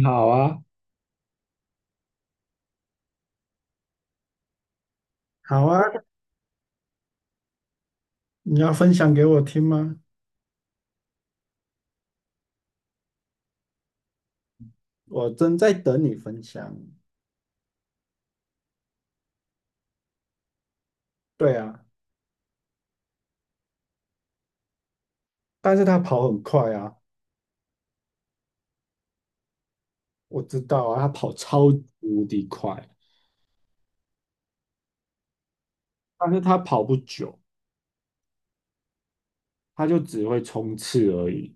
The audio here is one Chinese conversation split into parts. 你好啊，好啊，你要分享给我听吗？我正在等你分享。对啊，但是他跑很快啊，我知道啊，他跑超级无敌快，但是他跑不久，他就只会冲刺而已。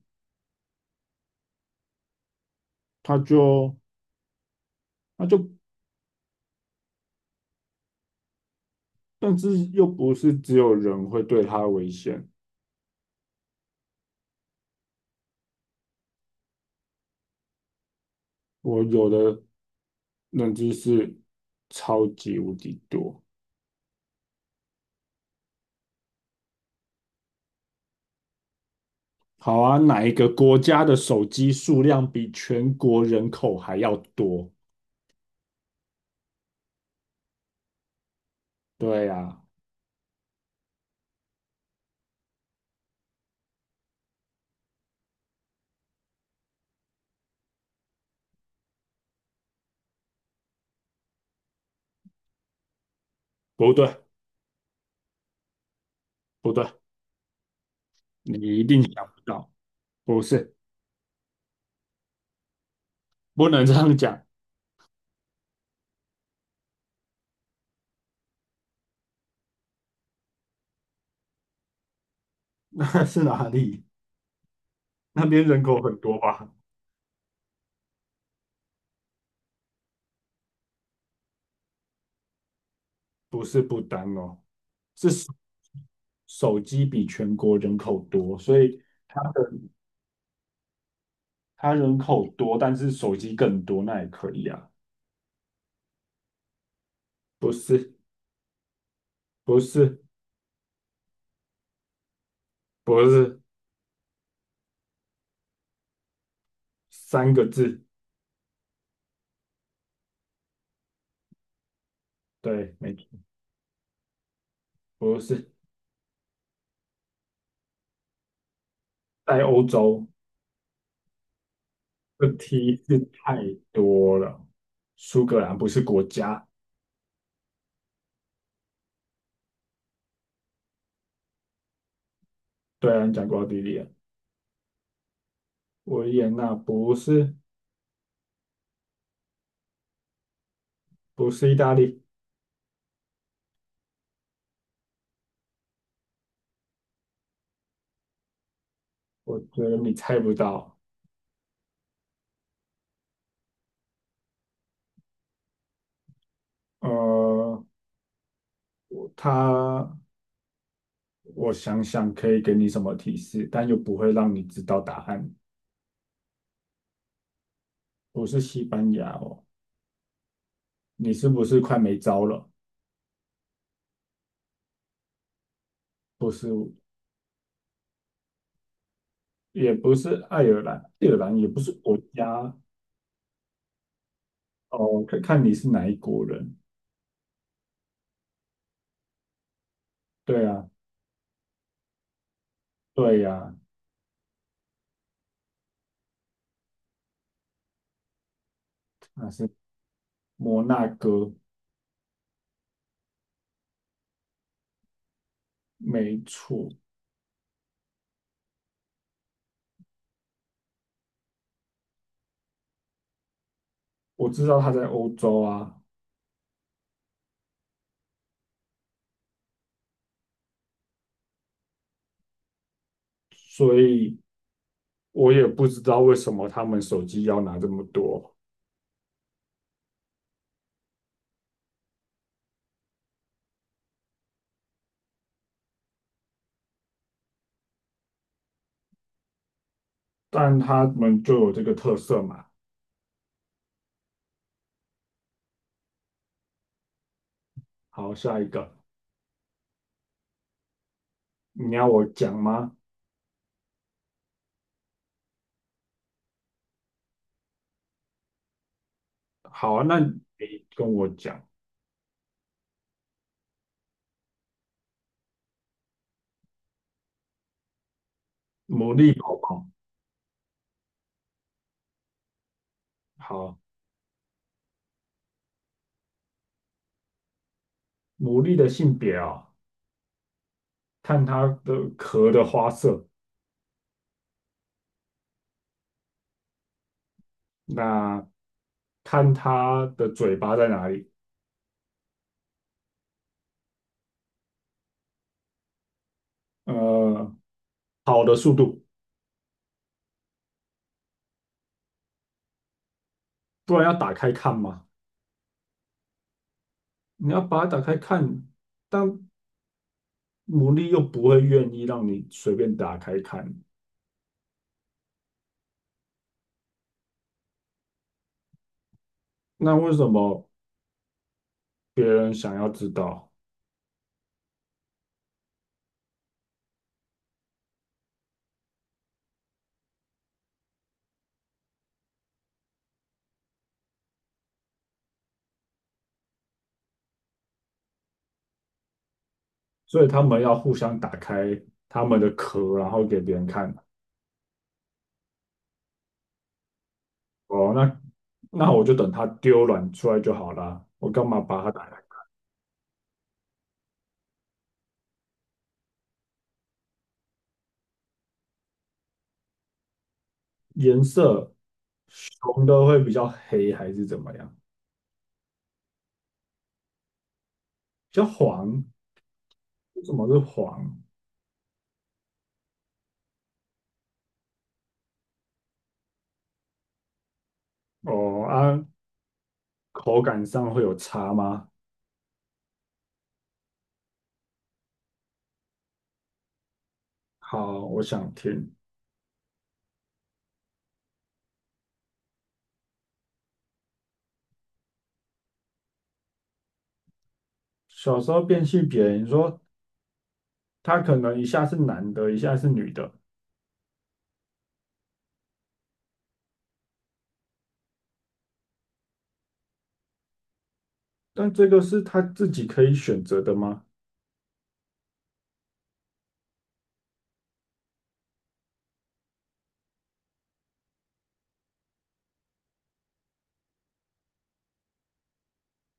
他就他就，但是又不是只有人会对他危险。我有的认知是超级无敌多。好啊，哪一个国家的手机数量比全国人口还要多？对呀、不对，不对，你一定想不到，不是，不能这样讲。那是哪里？那边人口很多吧？不是不丹哦，是手机比全国人口多，所以它的它人口多，但是手机更多，那也可以啊。不是，不是，不是，三个字，对，没错，不是，在欧洲，这提示太多了。苏格兰不是国家，对啊，你讲过奥地利啊。维也纳不是。不是意大利，我觉得你猜不到。呃，他，我想想可以给你什么提示，但又不会让你知道答案。不是西班牙哦，你是不是快没招了？不是，也不是爱尔兰，爱尔兰也不是国家哦，看看你是哪一国人。对啊，对呀，那是摩纳哥，没错。我知道他在欧洲啊，所以我也不知道为什么他们手机要拿这么多，但他们就有这个特色嘛。好，下一个，你要我讲吗？好啊，那你跟我讲，牡蛎宝宝。好，牡蛎的性别啊、看它的壳的花色，那看它的嘴巴在哪里，呃，跑的速度，不然要打开看嘛。你要把它打开看，但牡蛎又不会愿意让你随便打开看。那为什么别人想要知道，所以他们要互相打开他们的壳，然后给别人看。哦，那我就等它丢卵出来就好啦，我干嘛把它打开？颜色，熊的会比较黑还是怎么样？比较黄，为什么是黄？哦啊，口感上会有差吗？好，我想听。小时候变性别你说他可能一下是男的，一下是女的，但这个是他自己可以选择的吗？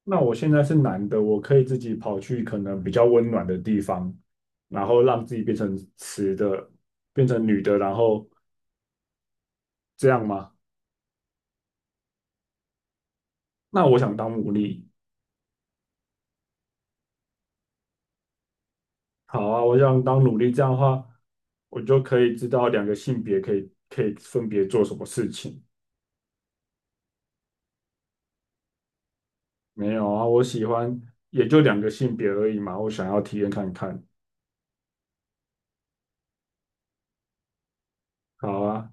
那我现在是男的，我可以自己跑去可能比较温暖的地方，然后让自己变成雌的，变成女的，然后这样吗？那我想当奴隶，好啊，我想当奴隶，这样的话，我就可以知道两个性别可以分别做什么事情。没有啊，我喜欢也就两个性别而已嘛，我想要体验看看。好啊，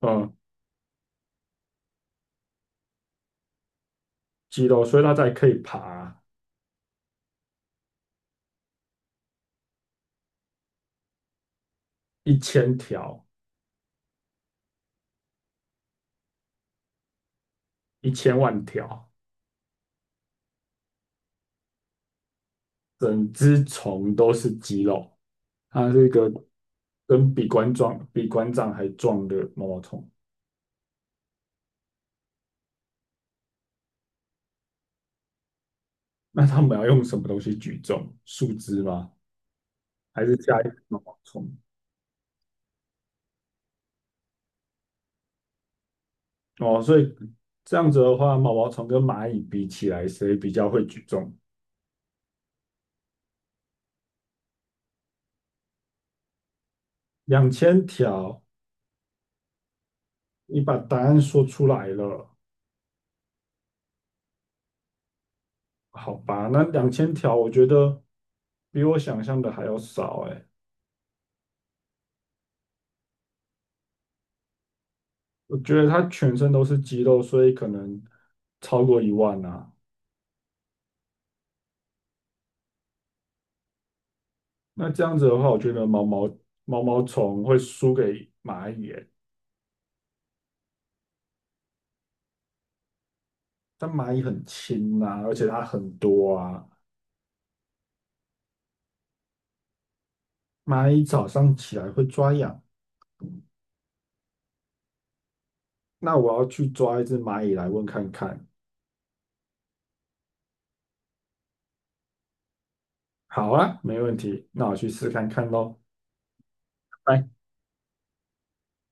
嗯，肌肉，所以它才可以爬1000条、1000万条，整只虫都是肌肉。它是一个跟比馆壮、比馆长还壮的毛毛虫。那他们要用什么东西举重？树枝吗？还是加一个毛毛虫？哦，所以这样子的话，毛毛虫跟蚂蚁比起来，谁比较会举重？两千条，你把答案说出来了，好吧？那两千条，我觉得比我想象的还要少哎。我觉得它全身都是肌肉，所以可能超过1万啊。那这样子的话，我觉得毛毛虫会输给蚂蚁耶，但蚂蚁很轻啊，而且它很多啊。蚂蚁早上起来会抓痒，那我要去抓一只蚂蚁来问看看。好啊，没问题，那我去试看看喽。拜。